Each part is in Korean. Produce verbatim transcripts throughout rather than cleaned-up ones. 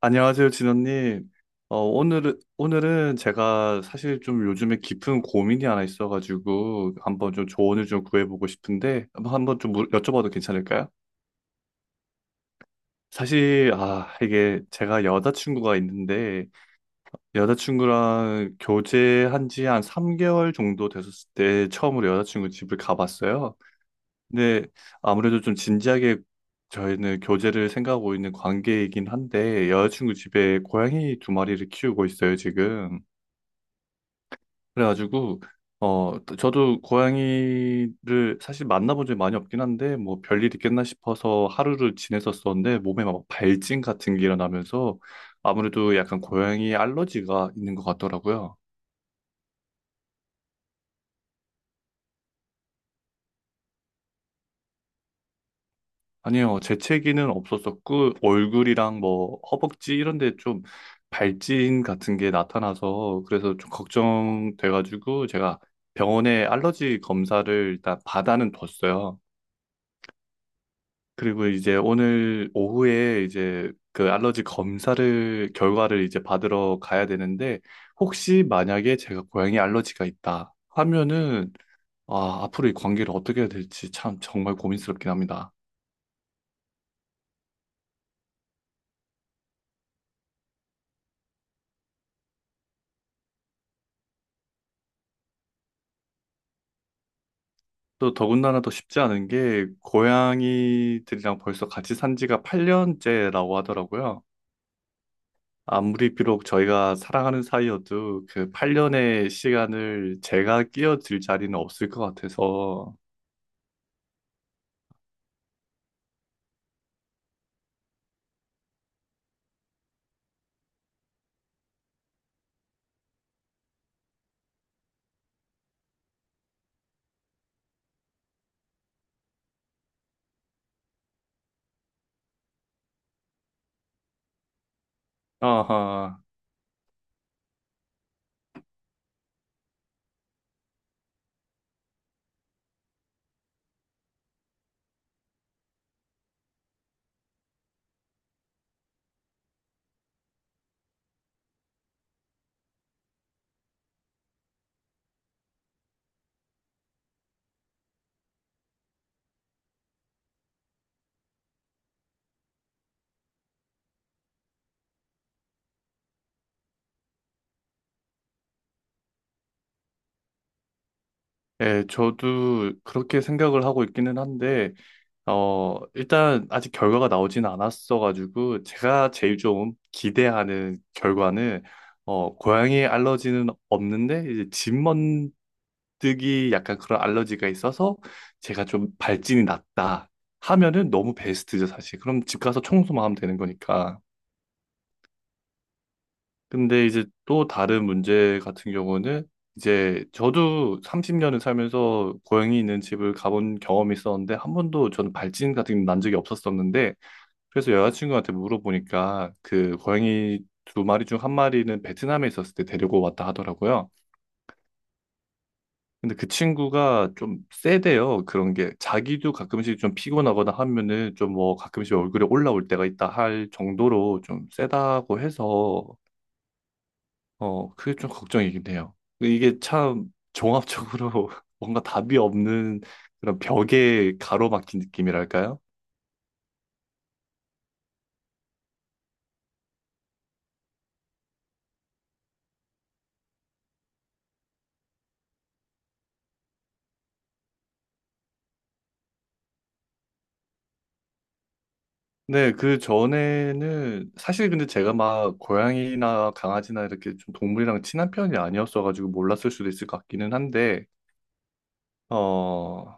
안녕하세요, 진원님. 어, 오늘은, 오늘은 제가 사실 좀 요즘에 깊은 고민이 하나 있어가지고 한번 좀 조언을 좀 구해보고 싶은데 한번 한번 좀 물- 여쭤봐도 괜찮을까요? 사실, 아, 이게 제가 여자친구가 있는데 여자친구랑 교제한 지 한 삼 개월 정도 됐었을 때 처음으로 여자친구 집을 가봤어요. 근데 아무래도 좀 진지하게 저희는 교제를 생각하고 있는 관계이긴 한데 여자친구 집에 고양이 두 마리를 키우고 있어요, 지금. 그래가지고 어 저도 고양이를 사실 만나본 적이 많이 없긴 한데 뭐 별일 있겠나 싶어서 하루를 지냈었었는데 몸에 막 발진 같은 게 일어나면서 아무래도 약간 고양이 알러지가 있는 것 같더라고요. 아니요, 재채기는 없었었고, 얼굴이랑 뭐, 허벅지 이런 데 좀 발진 같은 게 나타나서, 그래서 좀 걱정돼가지고, 제가 병원에 알러지 검사를 일단 받아는 뒀어요. 그리고 이제 오늘 오후에 이제 그 알러지 검사를, 결과를 이제 받으러 가야 되는데, 혹시 만약에 제가 고양이 알러지가 있다 하면은, 아, 앞으로 이 관계를 어떻게 해야 될지 참 정말 고민스럽긴 합니다. 또 더군다나 더 쉽지 않은 게 고양이들이랑 벌써 같이 산 지가 팔 년째라고 하더라고요. 아무리 비록 저희가 사랑하는 사이여도 그 팔 년의 시간을 제가 끼어들 자리는 없을 것 같아서. 아하. 예, 저도 그렇게 생각을 하고 있기는 한데 어, 일단 아직 결과가 나오진 않았어가지고 제가 제일 좀 기대하는 결과는 어, 고양이 알러지는 없는데 이제 집 먼뜨기 약간 그런 알러지가 있어서 제가 좀 발진이 났다 하면은 너무 베스트죠, 사실. 그럼 집 가서 청소만 하면 되는 거니까. 근데 이제 또 다른 문제 같은 경우는 이제 저도 삼십 년을 살면서 고양이 있는 집을 가본 경험이 있었는데 한 번도 저는 발진 같은 게 난 적이 없었었는데 그래서 여자친구한테 물어보니까 그 고양이 두 마리 중 한 마리는 베트남에 있었을 때 데리고 왔다 하더라고요. 근데 그 친구가 좀 세대요. 그런 게 자기도 가끔씩 좀 피곤하거나 하면은 좀 뭐 가끔씩 얼굴에 올라올 때가 있다 할 정도로 좀 세다고 해서 어 그게 좀 걱정이긴 해요. 이게 참 종합적으로 뭔가 답이 없는 그런 벽에 가로막힌 느낌이랄까요? 네, 그 전에는 사실 근데 제가 막 고양이나 강아지나 이렇게 좀 동물이랑 친한 편이 아니었어가지고 몰랐을 수도 있을 것 같기는 한데, 어,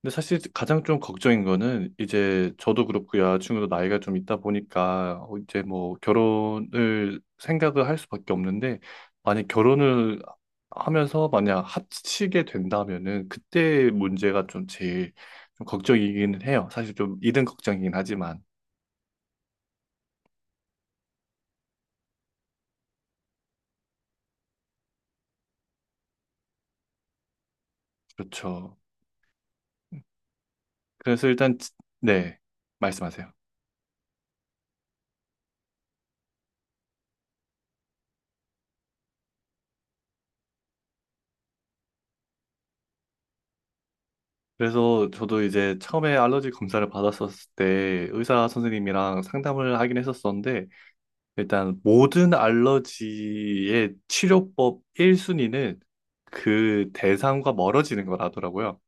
근데 사실 가장 좀 걱정인 거는 이제 저도 그렇고 여자친구도 나이가 좀 있다 보니까 어, 이제 뭐 결혼을 생각을 할 수밖에 없는데, 만약 결혼을 하면서 만약 합치게 된다면은 그때 문제가 좀 제일 좀 걱정이기는 해요. 사실 좀 이른 걱정이긴 하지만, 그렇죠. 그래서 일단 지- 네, 말씀하세요. 그래서 저도 이제 처음에 알러지 검사를 받았었을 때 의사 선생님이랑 상담을 하긴 했었었는데 일단 모든 알러지의 치료법 일 순위는 그 대상과 멀어지는 거라더라고요.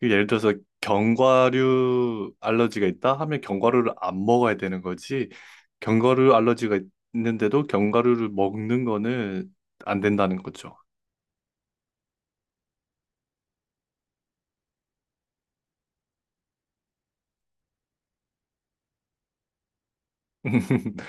그 예를 들어서 견과류 알러지가 있다 하면 견과류를 안 먹어야 되는 거지. 견과류 알러지가 있는데도 견과류를 먹는 거는 안 된다는 거죠.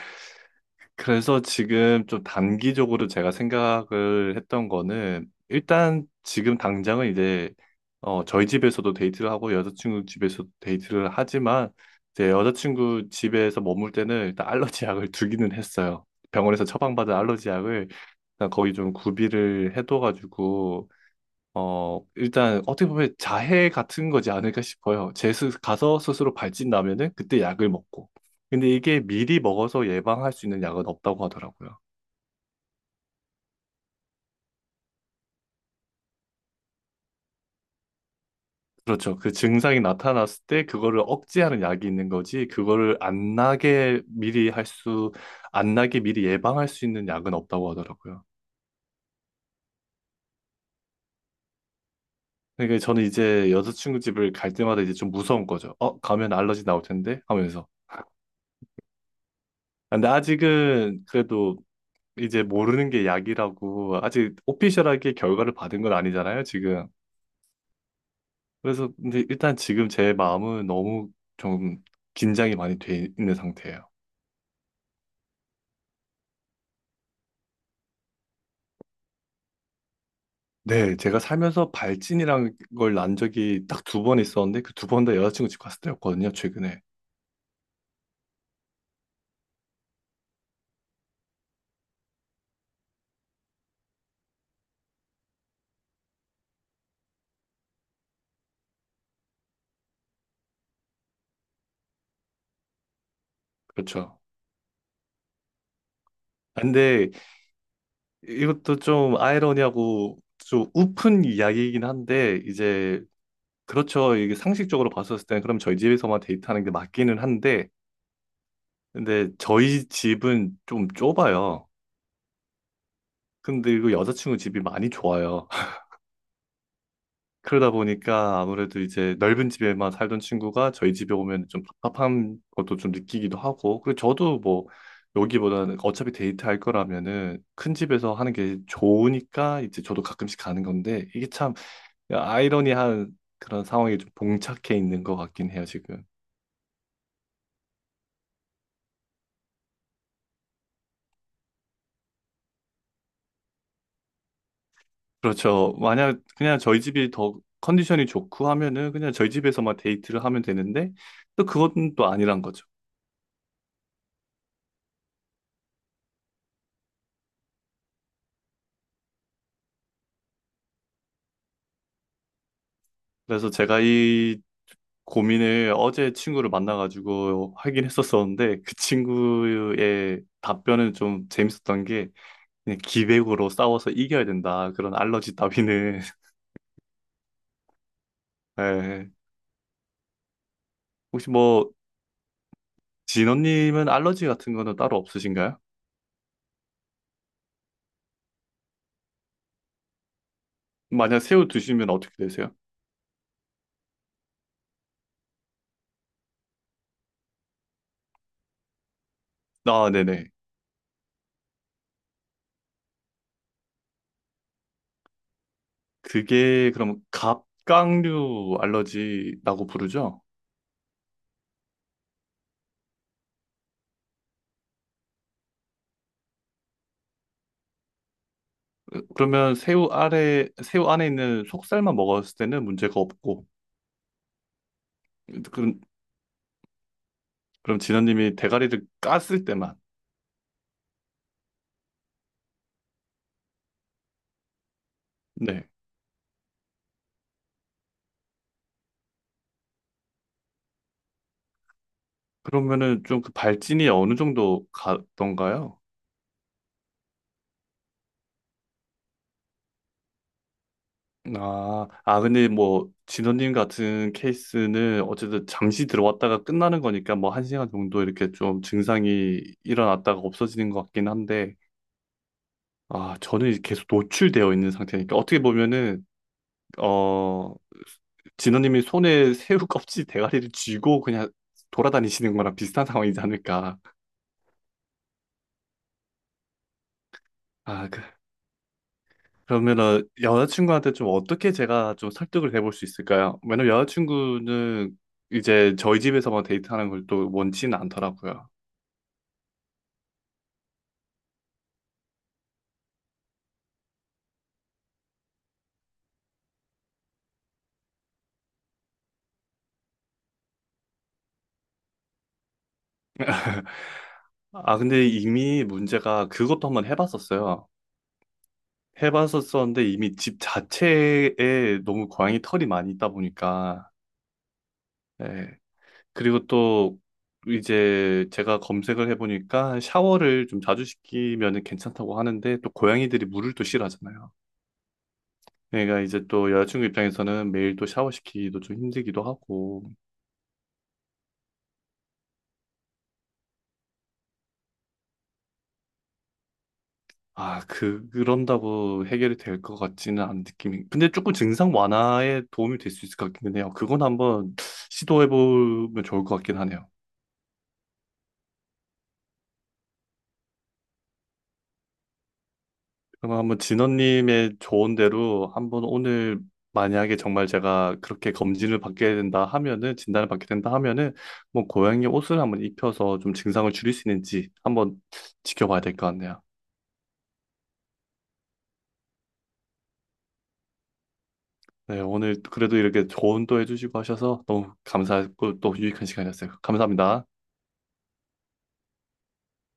그래서 지금 좀 단기적으로 제가 생각을 했던 거는 일단 지금 당장은 이제 어 저희 집에서도 데이트를 하고 여자친구 집에서도 데이트를 하지만 이제 여자친구 집에서 머물 때는 일단 알러지 약을 두기는 했어요. 병원에서 처방받은 알러지 약을 일단 거의 좀 구비를 해둬가지고 어, 일단 어떻게 보면 자해 같은 거지 않을까 싶어요. 제 스, 가서 스스로 발진나면은 그때 약을 먹고. 근데 이게 미리 먹어서 예방할 수 있는 약은 없다고 하더라고요. 그렇죠. 그 증상이 나타났을 때 그거를 억제하는 약이 있는 거지, 그거를 안 나게 미리 할 수, 안 나게 미리 예방할 수 있는 약은 없다고 하더라고요. 그러니까 저는 이제 여자친구 집을 갈 때마다 이제 좀 무서운 거죠. 어, 가면 알러지 나올 텐데? 하면서. 근데 아직은 그래도 이제 모르는 게 약이라고 아직 오피셜하게 결과를 받은 건 아니잖아요, 지금. 그래서 근데 일단 지금 제 마음은 너무 좀 긴장이 많이 돼 있는 상태예요. 네, 제가 살면서 발진이란 걸 난 적이 딱 두 번 있었는데 그 두 번 다 여자친구 집 갔을 때였거든요, 최근에. 그렇죠. 아, 근데 이것도 좀 아이러니하고 좀 우픈 이야기이긴 한데 이제 그렇죠. 이게 상식적으로 봤었을 때는 그럼 저희 집에서만 데이트하는 게 맞기는 한데 근데 저희 집은 좀 좁아요. 근데 이거 여자친구 집이 많이 좋아요. 그러다 보니까 아무래도 이제 넓은 집에만 살던 친구가 저희 집에 오면 좀 답답한 것도 좀 느끼기도 하고. 그리고 저도 뭐 여기보다는 어차피 데이트할 거라면은 큰 집에서 하는 게 좋으니까 이제 저도 가끔씩 가는 건데 이게 참 아이러니한 그런 상황에 좀 봉착해 있는 것 같긴 해요, 지금. 그렇죠. 만약 그냥 저희 집이 더 컨디션이 좋고 하면은 그냥 저희 집에서만 데이트를 하면 되는데 또 그건 또 아니란 거죠. 그래서 제가 이 고민을 어제 친구를 만나가지고 하긴 했었었는데 그 친구의 답변은 좀 재밌었던 게 그냥 기백으로 싸워서 이겨야 된다. 그런 알러지 따위는. 예. 혹시 뭐 진원님은 알러지 같은 거는 따로 없으신가요? 만약 새우 드시면 어떻게 되세요? 아, 네네. 그게 그럼 갑각류 알러지라고 부르죠? 으, 그러면 새우 아래 새우 안에 있는 속살만 먹었을 때는 문제가 없고 그럼 그럼 진원님이 대가리를 깠을 때만 네 그러면은 좀 그 발진이 어느 정도 가던가요? 아, 아 근데 뭐 진원님 같은 케이스는 어쨌든 잠시 들어왔다가 끝나는 거니까 뭐 한 시간 정도 이렇게 좀 증상이 일어났다가 없어지는 것 같긴 한데 아, 저는 이제 계속 노출되어 있는 상태니까 그러니까 어떻게 보면은 어 진호님이 손에 새우 껍질 대가리를 쥐고 그냥 돌아다니시는 거랑 비슷한 상황이지 않을까. 아, 그, 그러면은 여자친구한테 좀 어떻게 제가 좀 설득을 해볼 수 있을까요? 왜냐면 여자친구는 이제 저희 집에서만 데이트하는 걸 또 원치는 않더라고요. 아, 근데 이미 문제가 그것도 한번 해봤었어요. 해봤었었는데 이미 집 자체에 너무 고양이 털이 많이 있다 보니까 예. 그리고 또 이제 제가 검색을 해보니까 샤워를 좀 자주 시키면 괜찮다고 하는데 또 고양이들이 물을 또 싫어하잖아요. 그러니까 이제 또 여자친구 입장에서는 매일 또 샤워시키기도 좀 힘들기도 하고 아, 그, 그런다고 해결이 될 것 같지는 않은 느낌이 근데 조금 증상 완화에 도움이 될 수 있을 것 같기는 해요. 그건 한번 시도해보면 좋을 것 같긴 하네요. 그럼 한번 진원님의 조언대로 한번 오늘 만약에 정말 제가 그렇게 검진을 받게 된다 하면은 진단을 받게 된다 하면은 뭐 고양이 옷을 한번 입혀서 좀 증상을 줄일 수 있는지 한번 지켜봐야 될 것 같네요. 네, 오늘 그래도 이렇게 조언도 해주시고 하셔서 너무 감사했고 또 유익한 시간이었어요. 감사합니다.